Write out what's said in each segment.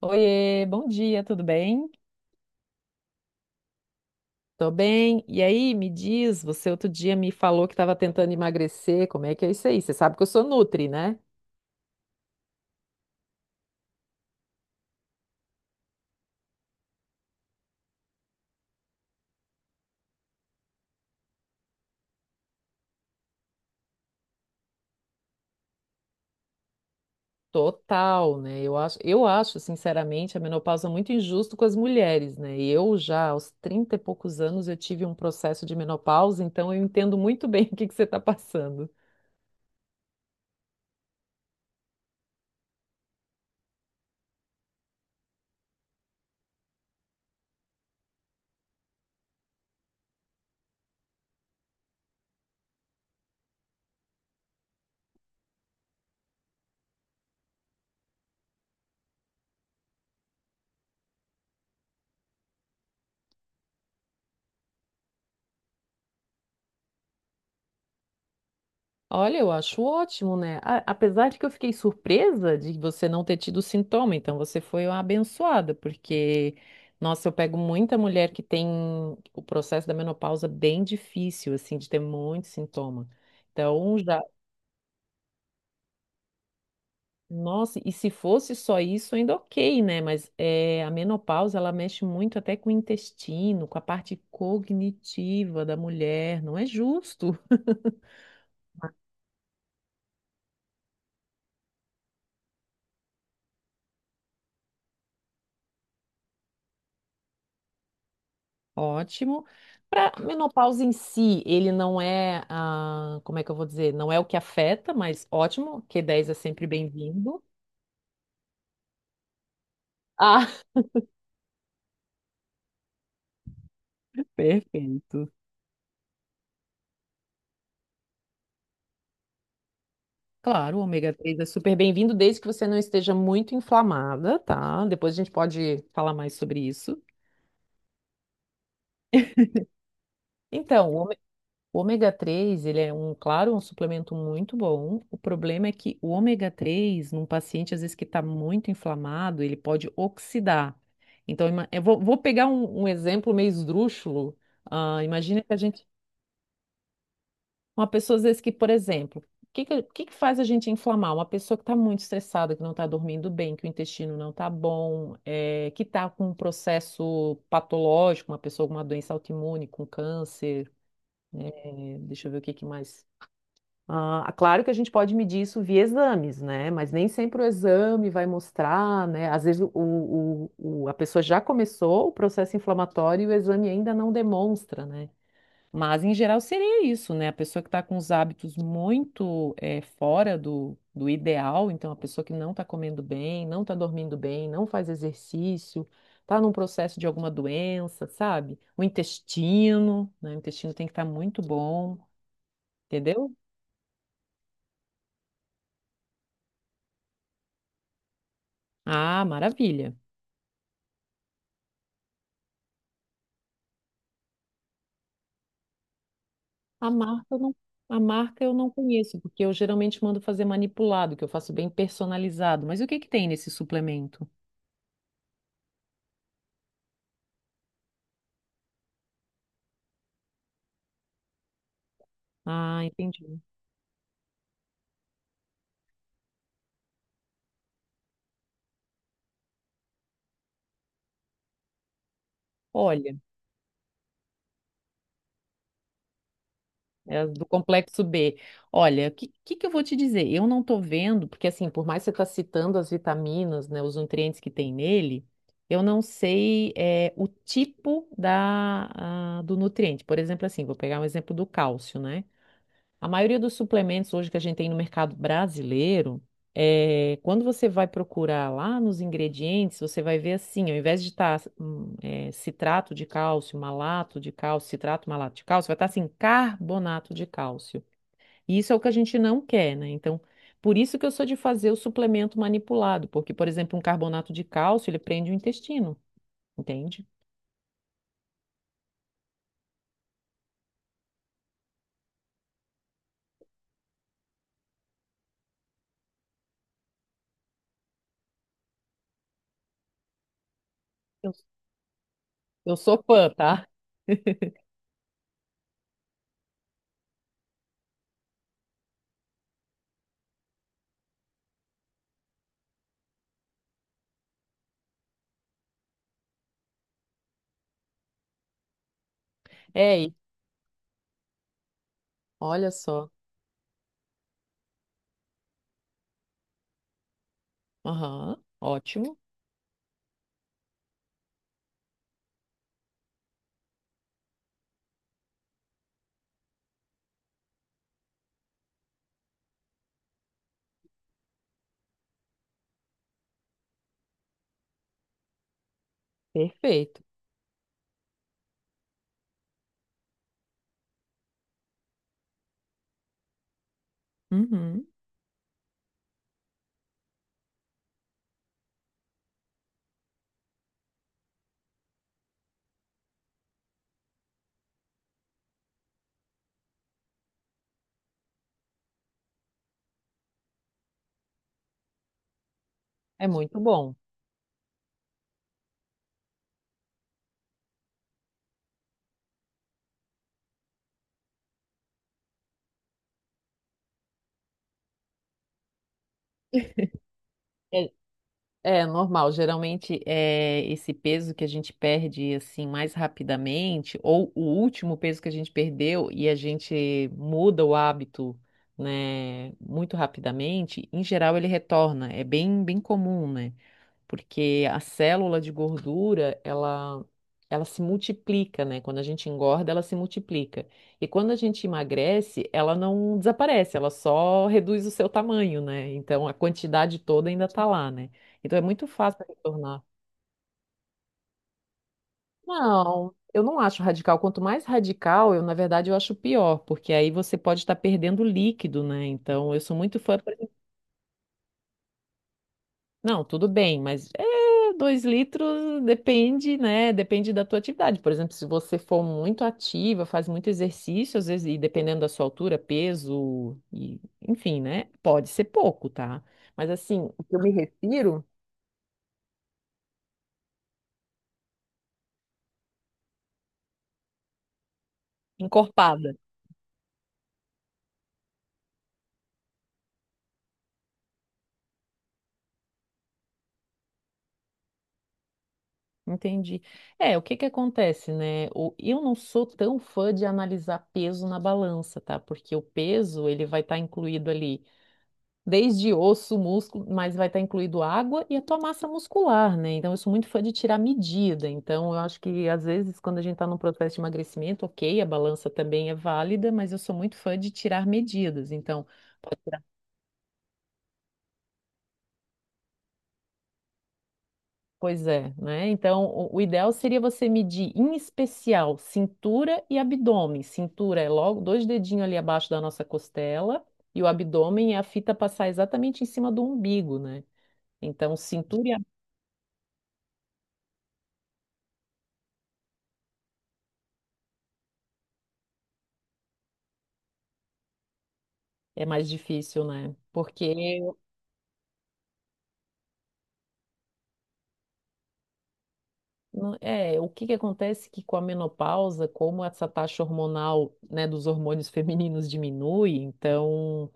Oiê, bom dia, tudo bem? Tô bem. E aí, me diz, você outro dia me falou que estava tentando emagrecer, como é que é isso aí? Você sabe que eu sou nutri, né? Total, né? Eu acho, sinceramente, a menopausa muito injusto com as mulheres, né? Eu já, aos 30 e poucos anos, eu tive um processo de menopausa, então eu entendo muito bem o que que você está passando. Olha, eu acho ótimo, né? Apesar de que eu fiquei surpresa de você não ter tido sintoma, então você foi uma abençoada, porque, nossa, eu pego muita mulher que tem o processo da menopausa bem difícil, assim, de ter muito sintoma. Então, já, nossa, e se fosse só isso, ainda ok, né? Mas é, a menopausa, ela mexe muito até com o intestino, com a parte cognitiva da mulher, não é justo. Ótimo. Para menopausa em si, ele não é, ah, como é que eu vou dizer? Não é o que afeta, mas ótimo, Q10 é sempre bem-vindo. Ah, perfeito. Claro, o ômega 3 é super bem-vindo, desde que você não esteja muito inflamada, tá? Depois a gente pode falar mais sobre isso. O o ômega 3, ele é um, claro, um suplemento muito bom. O problema é que o ômega 3, num paciente, às vezes, que está muito inflamado, ele pode oxidar. Então, eu vou pegar um, um exemplo meio esdrúxulo. Ah, imagina que a gente. Uma pessoa, às vezes, que, por exemplo, o que faz a gente inflamar? Uma pessoa que está muito estressada, que não está dormindo bem, que o intestino não está bom, que está com um processo patológico, uma pessoa com uma doença autoimune, com câncer. Deixa eu ver o que que mais. Ah, claro que a gente pode medir isso via exames, né? Mas nem sempre o exame vai mostrar, né? Às vezes a pessoa já começou o processo inflamatório e o exame ainda não demonstra, né? Mas em geral seria isso, né? A pessoa que está com os hábitos muito fora do ideal, então a pessoa que não está comendo bem, não está dormindo bem, não faz exercício, está num processo de alguma doença, sabe? O intestino, né? O intestino tem que estar muito bom, entendeu? Ah, maravilha. A marca eu não, a marca eu não conheço, porque eu geralmente mando fazer manipulado, que eu faço bem personalizado. Mas o que que tem nesse suplemento? Ah, entendi. Olha, é do complexo B. Olha, o que eu vou te dizer? Eu não tô vendo, porque assim, por mais que você tá citando as vitaminas, né, os nutrientes que tem nele, eu não sei é, o tipo da, ah, do nutriente. Por exemplo, assim, vou pegar um exemplo do cálcio, né? A maioria dos suplementos hoje que a gente tem no mercado brasileiro, é, quando você vai procurar lá nos ingredientes, você vai ver assim, ao invés de estar citrato de cálcio, malato de cálcio, citrato, malato de cálcio, vai estar assim, carbonato de cálcio. E isso é o que a gente não quer, né? Então, por isso que eu sou de fazer o suplemento manipulado, porque, por exemplo, um carbonato de cálcio, ele prende o intestino, entende? Eu, eu sou fã, tá? É, e olha só. Aham, ótimo, perfeito. Uhum. É muito bom. É, é normal, geralmente é esse peso que a gente perde assim mais rapidamente, ou o último peso que a gente perdeu e a gente muda o hábito, né, muito rapidamente, em geral ele retorna, é bem comum, né? Porque a célula de gordura, ela se multiplica, né? Quando a gente engorda, ela se multiplica. E quando a gente emagrece, ela não desaparece, ela só reduz o seu tamanho, né? Então a quantidade toda ainda tá lá, né? Então é muito fácil retornar. Não, eu não acho radical. Quanto mais radical, eu, na verdade, eu acho pior, porque aí você pode estar perdendo líquido, né? Então, eu sou muito fã, por Não, tudo bem, mas é, 2 litros depende, né? Depende da tua atividade. Por exemplo, se você for muito ativa, faz muito exercício, às vezes, e dependendo da sua altura, peso, e, enfim, né? Pode ser pouco, tá? Mas assim, o que eu me refiro, encorpada. Entendi. É, o que que acontece, né? Eu não sou tão fã de analisar peso na balança, tá? Porque o peso, ele vai estar incluído ali, desde osso, músculo, mas vai estar incluído água e a tua massa muscular, né? Então, eu sou muito fã de tirar medida. Então, eu acho que às vezes, quando a gente está num processo de emagrecimento, ok, a balança também é válida, mas eu sou muito fã de tirar medidas. Então, pode tirar. Pois é, né? Então, o ideal seria você medir, em especial, cintura e abdômen. Cintura é logo dois dedinhos ali abaixo da nossa costela, e o abdômen é a fita passar exatamente em cima do umbigo, né? Então, cintura É mais difícil, né? Porque é, o que que acontece que com a menopausa, como essa taxa hormonal, né, dos hormônios femininos diminui, então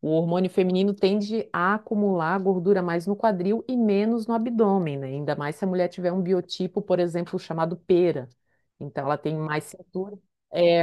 o hormônio feminino tende a acumular gordura mais no quadril e menos no abdômen, né? Ainda mais se a mulher tiver um biotipo, por exemplo, chamado pera. Então ela tem mais cintura. É,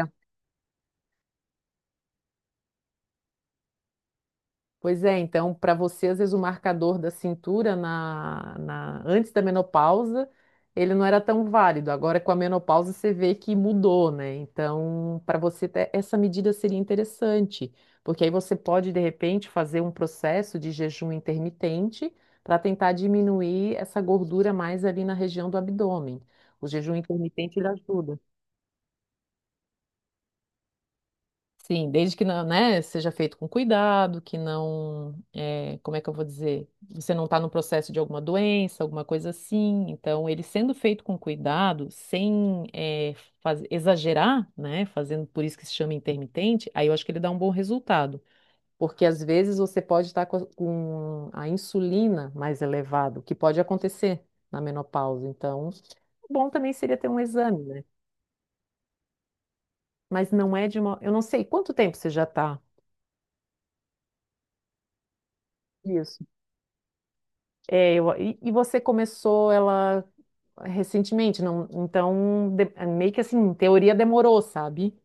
pois é, então, para você, às vezes o marcador da cintura antes da menopausa, ele não era tão válido. Agora, com a menopausa, você vê que mudou, né? Então, para você, essa medida seria interessante, porque aí você pode, de repente, fazer um processo de jejum intermitente para tentar diminuir essa gordura mais ali na região do abdômen. O jejum intermitente, ele ajuda. Sim, desde que não, né, seja feito com cuidado, que não, é, como é que eu vou dizer? Você não está no processo de alguma doença, alguma coisa assim. Então, ele sendo feito com cuidado, sem é, exagerar, né, fazendo por isso que se chama intermitente, aí eu acho que ele dá um bom resultado. Porque às vezes você pode estar com a insulina mais elevada, o que pode acontecer na menopausa. Então, bom também seria ter um exame, né? Mas não é de uma. Eu não sei quanto tempo você já está. É, e você começou ela recentemente, não? Então, é meio que assim, em teoria demorou, sabe?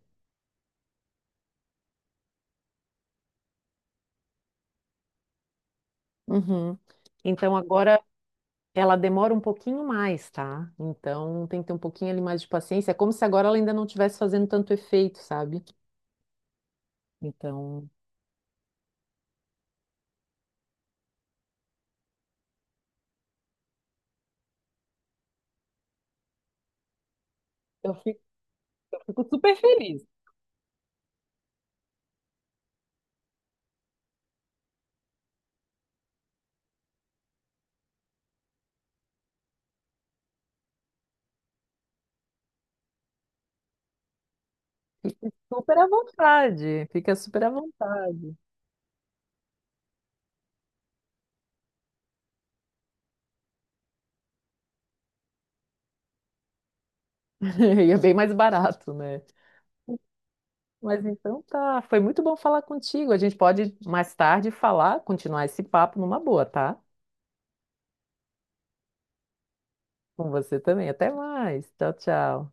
Uhum. Então agora ela demora um pouquinho mais, tá? Então tem que ter um pouquinho ali mais de paciência. É como se agora ela ainda não estivesse fazendo tanto efeito, sabe? Então, Eu fico, eu fico super feliz. Fica super à vontade, fica super à vontade. E é bem mais barato, né? Mas então tá, foi muito bom falar contigo. A gente pode mais tarde falar, continuar esse papo numa boa, tá? Com você também. Até mais. Tchau, tchau.